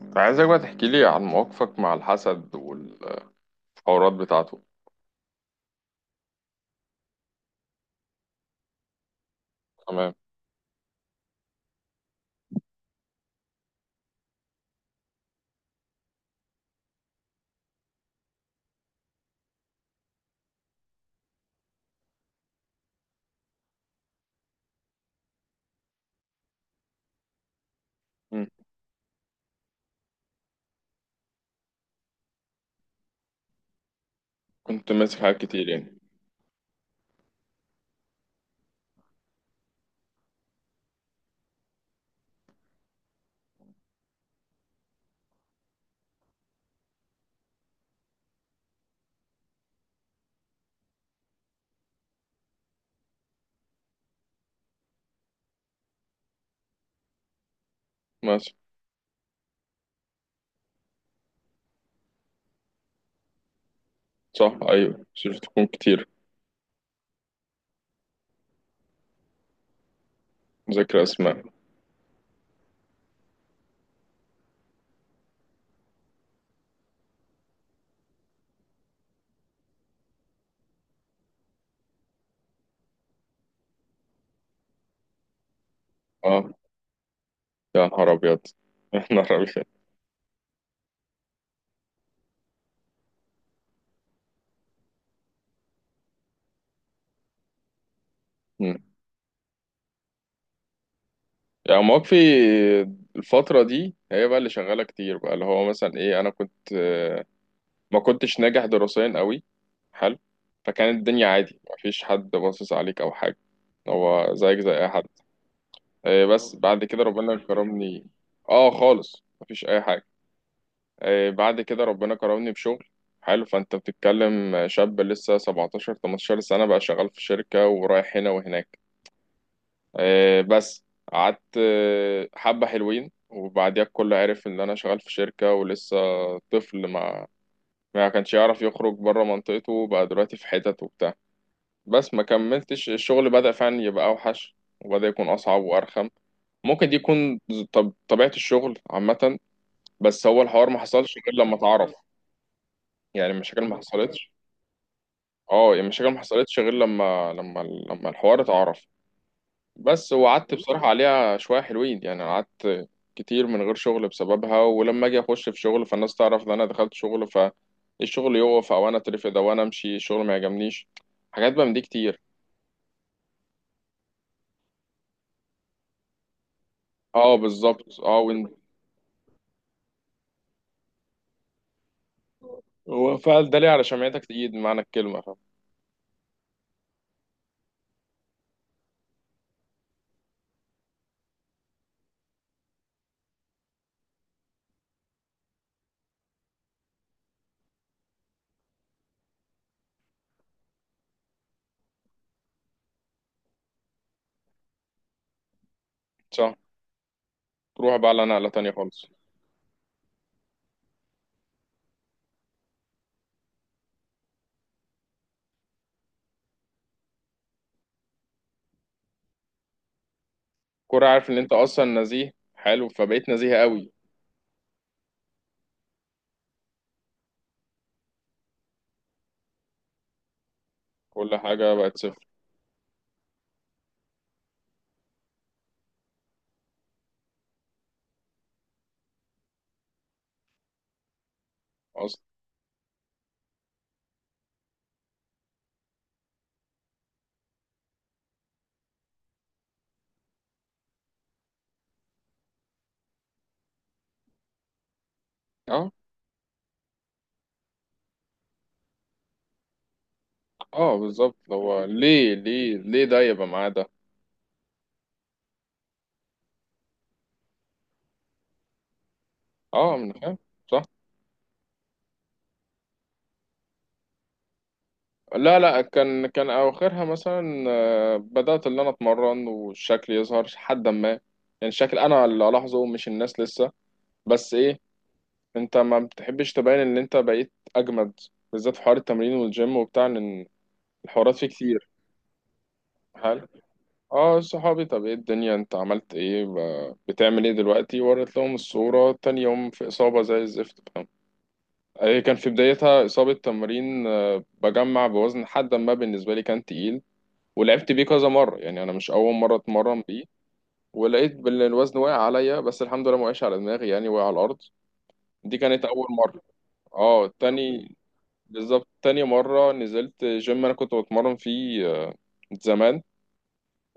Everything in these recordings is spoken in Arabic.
كنت عايزك بقى تحكي لي عن مواقفك مع الحسد والحوارات بتاعته. تمام. مم. كنت ماسك حاجات كتير يعني. ماشي. صح، ايوه، شفت تكون كتير. ذكر اسماء. اه، يا نهار ابيض. يا نهار ابيض. مم. يعني مواقفي الفترة دي هي بقى اللي شغالة كتير، بقى اللي هو مثلا ايه، انا كنت ما كنتش ناجح دراسيا قوي. حلو. فكانت الدنيا عادي، مفيش حد باصص عليك او حاجة. هو زيك زي اي حد. بس بعد كده ربنا كرمني. اه خالص، مفيش اي حاجه. بعد كده ربنا كرمني بشغل حلو. فانت بتتكلم شاب لسه 17 18 سنه، بقى شغال في شركه ورايح هنا وهناك. بس. قعدت حبه حلوين، وبعديها الكل عرف ان انا شغال في شركه، ولسه طفل ما كانش يعرف يخرج بره منطقته، بقى دلوقتي في حتت وبتاع. بس ما كملتش، الشغل بدأ فعلا يبقى أوحش. وبدأ يكون أصعب وأرخم. ممكن دي يكون طب طبيعة الشغل عامة. بس هو الحوار ما حصلش غير لما اتعرف. يعني المشاكل ما حصلتش. اه، يعني المشاكل ما حصلتش غير لما الحوار اتعرف. بس، وقعدت بصراحة عليها شوية حلوين، يعني قعدت كتير من غير شغل بسببها. ولما اجي اخش في شغل، فالناس تعرف ان انا دخلت شغل، فالشغل يقف او انا اترفد او انا امشي الشغل ما يعجبنيش. حاجات بقى من دي كتير. اه، بالظبط اه. هو فعل ده ليه؟ على شمعتك تقيد بمعنى الكلمة، فاهم؟ صح. تروح بقى على نقلة تانية خالص. كورة، عارف ان انت اصلا نزيه حلو فبقيت نزيه قوي. كل حاجة بقت صفر اصلا. اه اه بالظبط. هو ليه ليه ليه ده يبقى معاه ده؟ اه، من فاهم. صح. لا لا، كان اواخرها مثلا بدأت اللي انا اتمرن والشكل يظهر حد ما، يعني الشكل انا اللي الاحظه مش الناس لسه. بس ايه، انت ما بتحبش تبين ان انت بقيت اجمد، بالذات في حوار التمرين والجيم وبتاع، ان الحوارات فيه كتير. هل اه صحابي طب ايه الدنيا، انت عملت ايه، بتعمل ايه دلوقتي؟ وريت لهم الصورة، تاني يوم في إصابة زي الزفت، فاهم. هي كان في بدايتها إصابة تمرين، بجمع بوزن حد ما بالنسبة لي كان تقيل. ولعبت بيه كذا مرة، يعني أنا مش أول مرة أتمرن بيه. ولقيت الوزن واقع عليا، بس الحمد لله ما وقعش على دماغي، يعني وقع على الأرض. دي كانت أول مرة. اه، تاني. بالظبط، تاني مرة نزلت جيم أنا كنت بتمرن فيه زمان.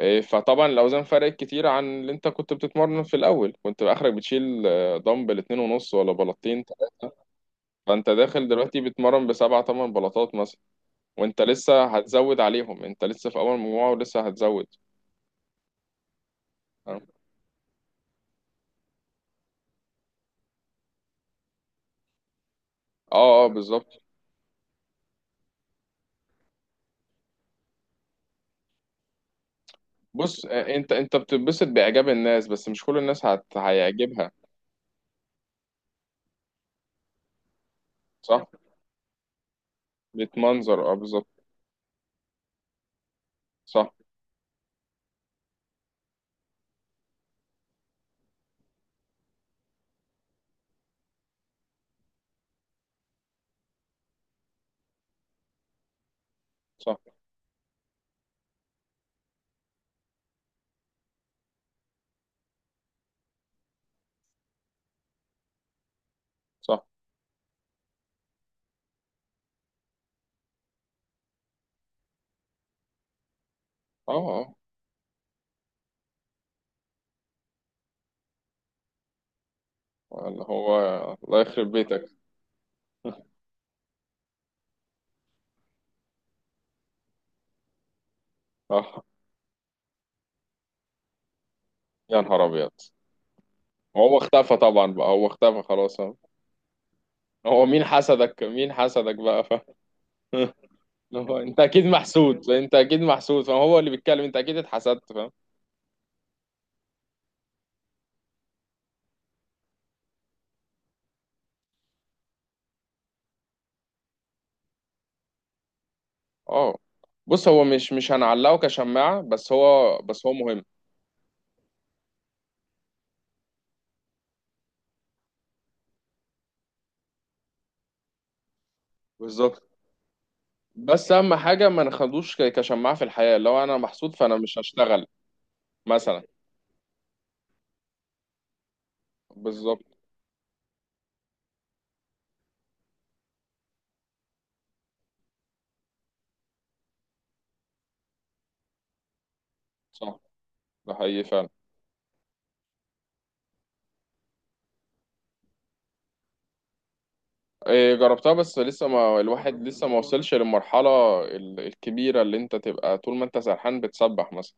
إيه، فطبعا الاوزان فرقت كتير عن اللي انت كنت بتتمرن، في الاول كنت اخرك بتشيل دمبل 2.5 ولا بلاطتين. فانت داخل دلوقتي بتمرن بسبعة تمن بلاطات مثلا. وانت لسه هتزود عليهم، انت لسه في اول مجموعة ولسه هتزود. اه اه بالظبط. بص انت بتتبسط باعجاب الناس، بس مش كل الناس هيعجبها. صح. بتمنظر اه بالظبط. صح صح صح. اه اه، اللي هو الله يخرب بيتك. اه يا نهار ابيض. هو اختفى طبعا، بقى هو اختفى خلاص هو. هو مين حسدك؟ مين حسدك بقى، فاهم؟ اللي هو انت اكيد محسود، انت اكيد محسود، فهو اللي بيتكلم، انت اكيد اتحسدت، فاهم. اه، بص هو مش هنعلقه كشماعة، بس هو مهم. بالظبط. بس اهم حاجة ما ناخدوش كشماعة في الحياة، لو انا محسود فانا مش هشتغل مثلا. بالظبط صح. ده حقيقي فعلا. إيه، جربتها بس لسه، ما الواحد لسه ما وصلش للمرحلة الكبيرة، اللي انت تبقى طول ما انت سرحان بتسبح مثلا،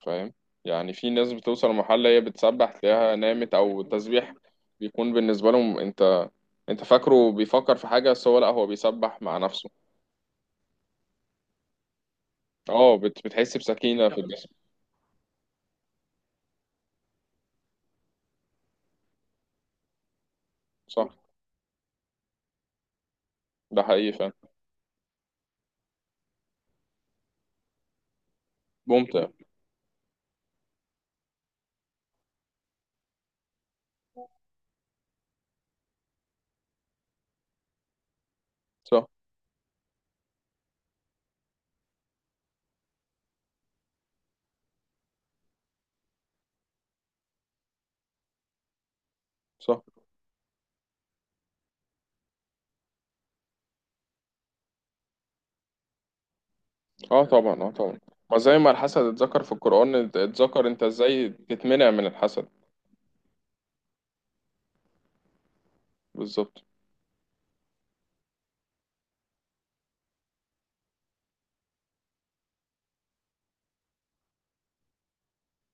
فاهم. يعني في ناس بتوصل لمرحلة، هي بتسبح تلاقيها نامت، أو التسبيح بيكون بالنسبة لهم، أنت فاكره بيفكر في حاجة بس هو لأ، هو بيسبح مع نفسه. أه، بتحس بسكينة في الجسم. صح. ده حقيقي فعلا. ممتع. صح صح. أه طبعا أه طبعا. ما زي ما الحسد اتذكر في القرآن، اتذكر أنت إزاي تتمنع من الحسد. بالظبط.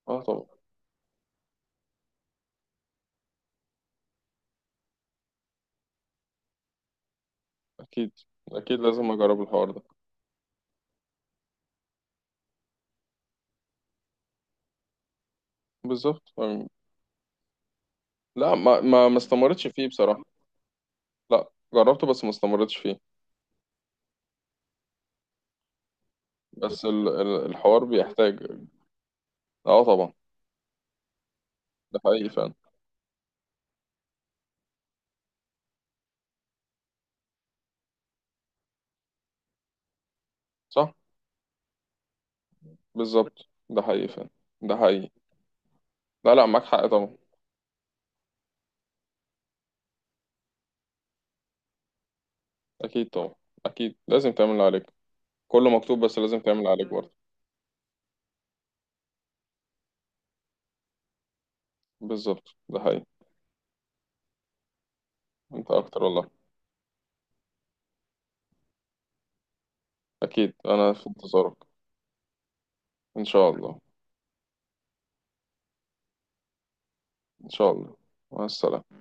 أه طبعا. أكيد. أكيد لازم أجرب الحوار ده. بالظبط. أم. لا، ما استمرتش فيه بصراحة. لا، جربته بس ما استمرتش فيه. بس الحوار بيحتاج. اه طبعا. ده حقيقي فعلا. صح. بالظبط ده حقيقي فعلا. ده حقيقي. لا لا، معاك حق طبعا. اكيد طبعا. اكيد لازم تعمل اللي عليك. كله مكتوب بس لازم تعمل اللي عليك برضه. بالظبط ده حقيقي. انت اكتر والله. اكيد انا في انتظارك. ان شاء الله. ان شاء الله. مع السلامة.